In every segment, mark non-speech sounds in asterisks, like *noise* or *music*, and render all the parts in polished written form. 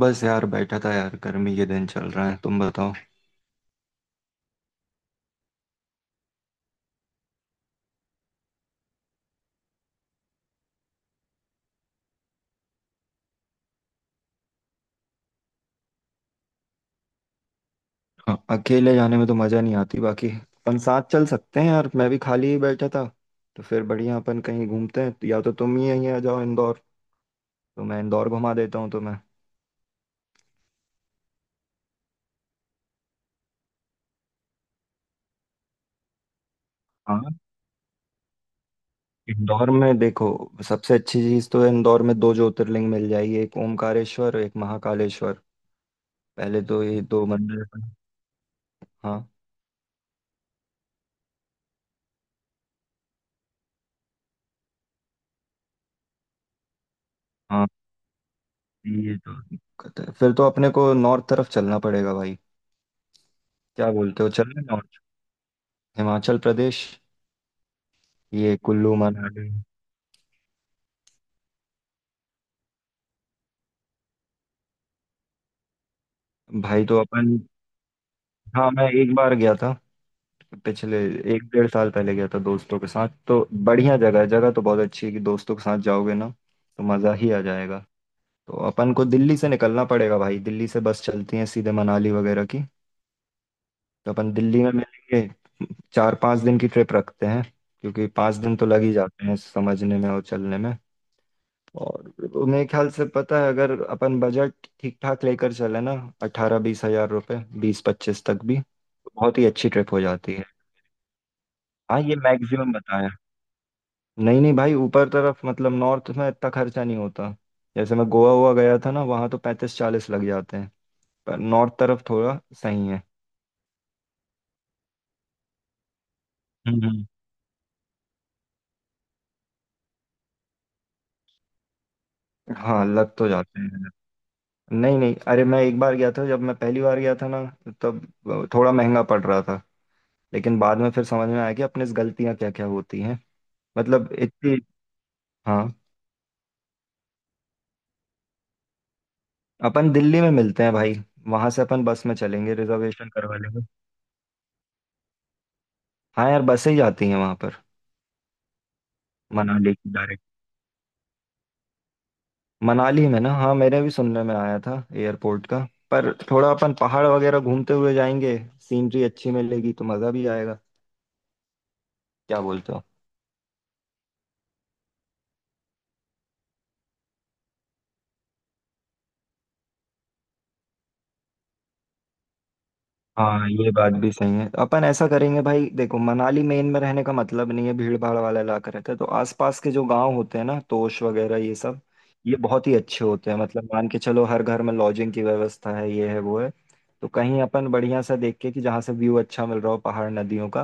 बस यार बैठा था यार, गर्मी के दिन चल रहा है। तुम बताओ। हाँ, अकेले जाने में तो मजा नहीं आती, बाकी अपन साथ चल सकते हैं यार, मैं भी खाली ही बैठा था। तो फिर बढ़िया, अपन कहीं घूमते हैं, या तो तुम ही यहीं आ जाओ इंदौर, तो मैं इंदौर घुमा देता हूँ तुम्हें। हाँ। इंदौर में देखो, सबसे अच्छी चीज़ तो है, इंदौर में दो ज्योतिर्लिंग मिल जाएगी, एक ओमकारेश्वर और एक महाकालेश्वर। पहले तो ये दो मंदिर हैं। हाँ। हाँ, ये तो दिक्कत है। फिर तो अपने को नॉर्थ तरफ चलना पड़ेगा भाई। क्या बोलते हो, चलना नॉर्थ? हिमाचल प्रदेश, ये कुल्लू मनाली। भाई तो अपन, हाँ मैं एक बार गया था पिछले एक डेढ़ साल पहले, गया था दोस्तों के साथ। तो बढ़िया जगह है, जगह तो बहुत अच्छी है, कि दोस्तों के साथ जाओगे ना तो मज़ा ही आ जाएगा। तो अपन को दिल्ली से निकलना पड़ेगा भाई, दिल्ली से बस चलती है सीधे मनाली वगैरह की। तो अपन दिल्ली में मिलेंगे, 4-5 दिन की ट्रिप रखते हैं, क्योंकि 5 दिन तो लग ही जाते हैं समझने में और चलने में। और मेरे ख्याल से, पता है, अगर अपन बजट ठीक ठाक लेकर चले ना, 18-20 हज़ार रुपये, 20-25 तक भी, तो बहुत ही अच्छी ट्रिप हो जाती है। हाँ ये मैक्सिमम बताया। नहीं नहीं भाई, ऊपर तरफ मतलब नॉर्थ में इतना खर्चा नहीं होता। जैसे मैं गोवा हुआ गया था ना, वहाँ तो 35-40 लग जाते हैं, पर नॉर्थ तरफ थोड़ा सही है। हम्म, हाँ लग तो जाते हैं। नहीं नहीं, अरे मैं एक बार गया था, जब मैं पहली बार गया था ना, तब थोड़ा महंगा पड़ रहा था। लेकिन बाद में फिर समझ में आया कि अपने से गलतियाँ क्या क्या होती हैं, मतलब इतनी। हाँ। अपन दिल्ली में मिलते हैं भाई, वहां से अपन बस में चलेंगे, रिजर्वेशन करवा लेंगे। हाँ यार, बसें ही जाती हैं वहां पर, मनाली की डायरेक्ट। मनाली में ना, हाँ, मेरे भी सुनने में आया था एयरपोर्ट का। पर थोड़ा अपन पहाड़ वगैरह घूमते हुए जाएंगे, सीनरी अच्छी मिलेगी तो मजा भी आएगा, क्या बोलते हो? हाँ, ये बात भी सही है। अपन ऐसा करेंगे भाई, देखो मनाली मेन में रहने का मतलब नहीं है, भीड़ भाड़ वाला इलाका रहता है। तो आसपास के जो गांव होते हैं ना, तोश वगैरह ये सब, ये बहुत ही अच्छे होते हैं। मतलब मान के चलो, हर घर में लॉजिंग की व्यवस्था है, ये है वो है। तो कहीं अपन बढ़िया सा देख के, कि जहाँ से व्यू अच्छा मिल रहा हो पहाड़ नदियों का,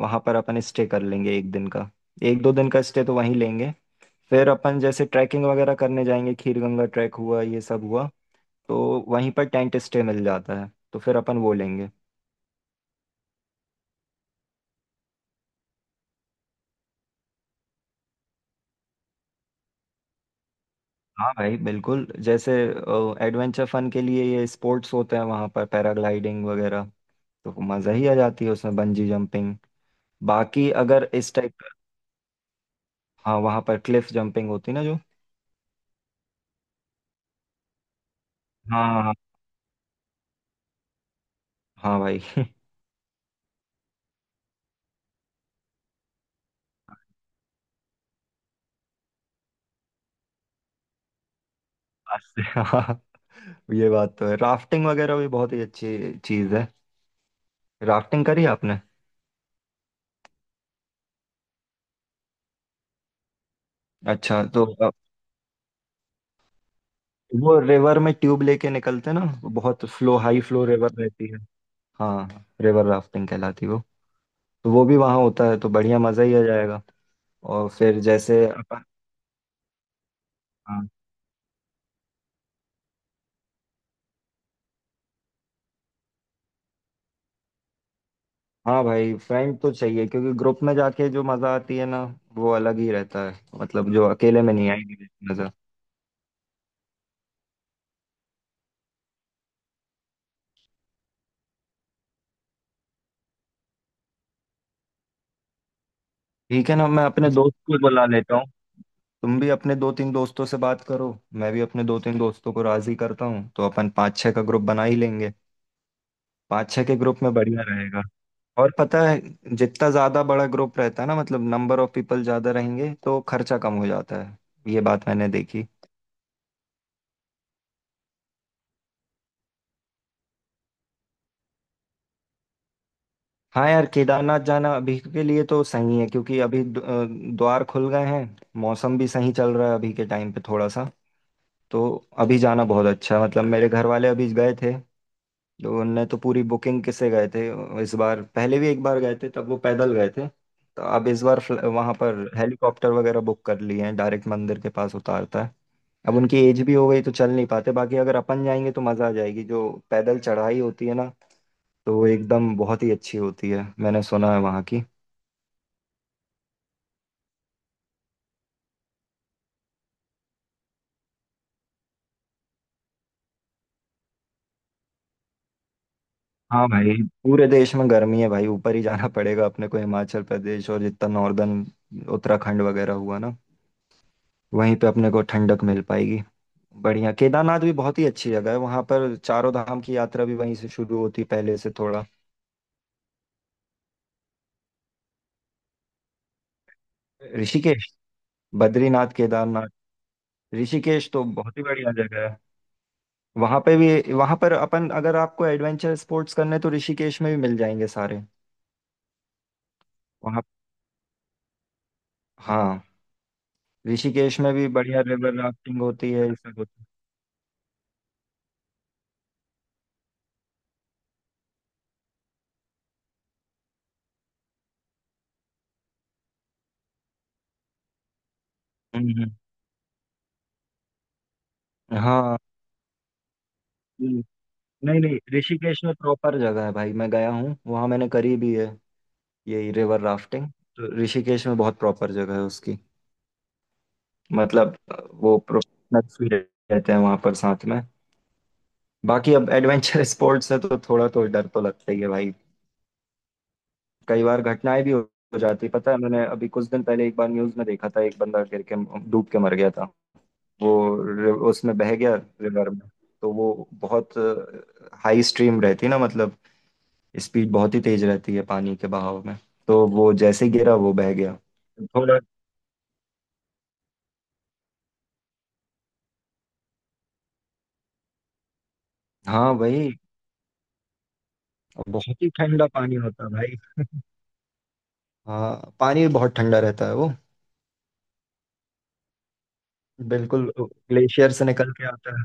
वहां पर अपन स्टे कर लेंगे एक दिन का। 1-2 दिन का स्टे तो वहीं लेंगे। फिर अपन जैसे ट्रैकिंग वगैरह करने जाएंगे, खीर गंगा ट्रैक हुआ, ये सब हुआ। तो वहीं पर टेंट स्टे मिल जाता है, तो फिर अपन वो लेंगे। हाँ भाई बिल्कुल। जैसे एडवेंचर फन के लिए ये स्पोर्ट्स होते हैं वहाँ पर, पैराग्लाइडिंग वगैरह, तो मज़ा ही आ जाती है उसमें, बंजी जंपिंग। बाकी अगर इस टाइप का, हाँ, वहाँ पर क्लिफ जंपिंग होती ना जो। हाँ हाँ। हाँ भाई *laughs* अच्छा, हाँ, ये बात तो है। राफ्टिंग वगैरह भी बहुत ही अच्छी चीज़ है। राफ्टिंग करी आपने? अच्छा, तो वो रिवर में ट्यूब लेके निकलते ना, वो बहुत फ्लो, हाई फ्लो रिवर रहती है। हाँ, रिवर राफ्टिंग कहलाती है वो। तो वो भी वहाँ होता है तो बढ़िया मज़ा ही आ जाएगा। और फिर जैसे अपन, हाँ हाँ भाई, फ्रेंड तो चाहिए, क्योंकि ग्रुप में जाके जो मजा आती है ना, वो अलग ही रहता है। मतलब जो अकेले में नहीं आएगी वैसी मजा। ठीक है ना, मैं अपने दोस्त को बुला लेता हूँ, तुम भी अपने दो तीन दोस्तों से बात करो, मैं भी अपने दो तीन दोस्तों को राजी करता हूँ, तो अपन पाँच छः का ग्रुप बना ही लेंगे। पाँच छः के ग्रुप में बढ़िया रहेगा। और पता है, जितना ज्यादा बड़ा ग्रुप रहता है ना, मतलब नंबर ऑफ पीपल ज्यादा रहेंगे तो खर्चा कम हो जाता है। ये बात मैंने देखी। हाँ यार, केदारनाथ जाना अभी के लिए तो सही है, क्योंकि अभी द्वार खुल गए हैं। मौसम भी सही चल रहा है अभी के टाइम पे थोड़ा सा, तो अभी जाना बहुत अच्छा है। मतलब मेरे घर वाले अभी गए थे, तो उनने तो पूरी बुकिंग किसे गए थे। इस बार पहले भी एक बार गए थे, तब वो पैदल गए थे, तो अब इस बार वहाँ पर हेलीकॉप्टर वगैरह बुक कर लिए हैं, डायरेक्ट मंदिर के पास उतारता है। अब उनकी एज भी हो गई तो चल नहीं पाते। बाकी अगर अपन जाएंगे तो मज़ा आ जाएगी, जो पैदल चढ़ाई होती है ना, तो वो एकदम बहुत ही अच्छी होती है, मैंने सुना है वहाँ की। हाँ भाई, पूरे देश में गर्मी है भाई, ऊपर ही जाना पड़ेगा अपने को, हिमाचल प्रदेश, और जितना नॉर्दर्न, उत्तराखंड वगैरह हुआ ना, वहीं पे अपने को ठंडक मिल पाएगी। बढ़िया, केदारनाथ भी बहुत ही अच्छी जगह है, वहां पर चारों धाम की यात्रा भी वहीं से शुरू होती है पहले से थोड़ा। ऋषिकेश, बद्रीनाथ, केदारनाथ। ऋषिकेश तो बहुत ही बढ़िया जगह है, वहां पे भी, वहां पर अपन, अगर आपको एडवेंचर स्पोर्ट्स करने तो ऋषिकेश में भी मिल जाएंगे सारे। वहां, हाँ, ऋषिकेश में भी बढ़िया रिवर राफ्टिंग होती है, ये सब होता है। हाँ। हम्म, नहीं नहीं, ऋषिकेश में प्रॉपर जगह है भाई, मैं गया हूँ वहाँ, मैंने करी भी है यही रिवर राफ्टिंग। तो ऋषिकेश में बहुत प्रॉपर जगह है उसकी। मतलब वो प्रोफेशनल्स भी रहते हैं वहाँ पर साथ में। बाकी अब एडवेंचर स्पोर्ट्स *laughs* है तो थोड़ा तो डर तो लगता ही है भाई। कई बार घटनाएं भी हो जाती है। पता है, मैंने अभी कुछ दिन पहले एक बार न्यूज में देखा था, एक बंदा गिर के डूब के मर गया था। वो उसमें बह गया, रिवर में। तो वो बहुत हाई स्ट्रीम रहती ना, मतलब स्पीड बहुत ही तेज रहती है पानी के बहाव में। तो वो जैसे गिरा वो बह गया। थोड़ा, हाँ भाई, बहुत ही ठंडा पानी होता है भाई। हाँ, पानी बहुत ठंडा रहता है वो, बिल्कुल ग्लेशियर से निकल के आता है।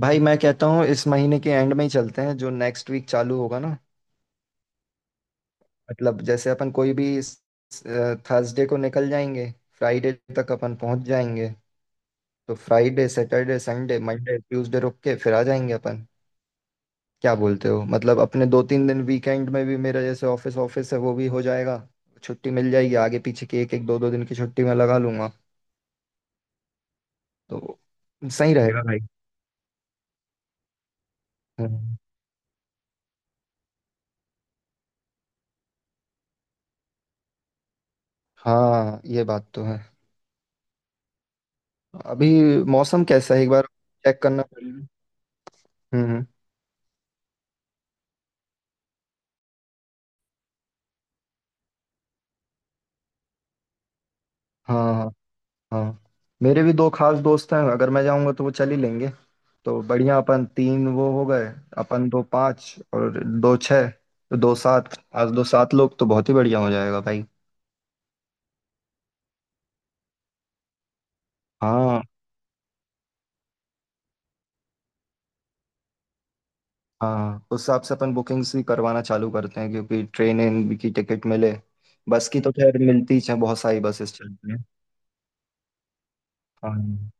भाई मैं कहता हूँ इस महीने के एंड में ही चलते हैं, जो नेक्स्ट वीक चालू होगा ना। मतलब जैसे अपन कोई भी थर्सडे को निकल जाएंगे, फ्राइडे तक अपन पहुंच जाएंगे। तो Friday Saturday Sunday Monday Tuesday रुक के फिर आ जाएंगे अपन। क्या बोलते हो, मतलब अपने 2-3 दिन वीकेंड में भी, मेरा जैसे ऑफिस ऑफिस है वो भी हो जाएगा, छुट्टी मिल जाएगी, आगे पीछे की एक एक दो दो दिन की छुट्टी मैं लगा लूंगा। तो सही रहेगा भाई। हम्म, हाँ, ये बात तो है। अभी मौसम कैसा है एक बार चेक करना पड़ेगा। हम्म। हाँ, हाँ। हाँ, मेरे भी दो खास दोस्त हैं, अगर मैं जाऊंगा तो वो चल ही लेंगे। तो बढ़िया, अपन तीन वो हो गए। अपन दो पाँच, और दो छः, तो दो सात। आज दो सात लोग तो बहुत ही बढ़िया हो जाएगा भाई। हाँ। हाँ, उस हिसाब से अपन बुकिंग्स भी करवाना चालू करते हैं, क्योंकि ट्रेन इन की टिकट मिले। बस की तो खैर मिलती ही है, बहुत सारी बसेस चलती हैं। हाँ।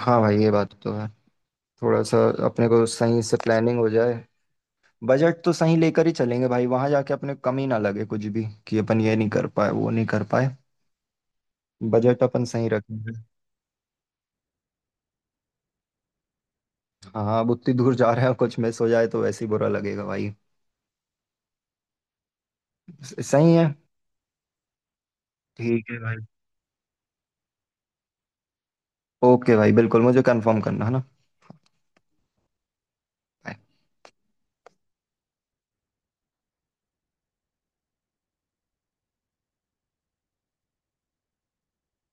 हाँ भाई, ये बात तो है, थोड़ा सा अपने को सही से प्लानिंग हो जाए। बजट तो सही लेकर ही चलेंगे भाई, वहां जाके अपने को कमी ना लगे कुछ भी, कि अपन ये नहीं कर पाए वो नहीं कर पाए। बजट अपन सही रखेंगे। हाँ, अब उतनी दूर जा रहे हैं, कुछ मिस हो जाए तो वैसे ही बुरा लगेगा भाई। सही है। ठीक है भाई। ओके भाई बिल्कुल, मुझे कंफर्म करना है ना।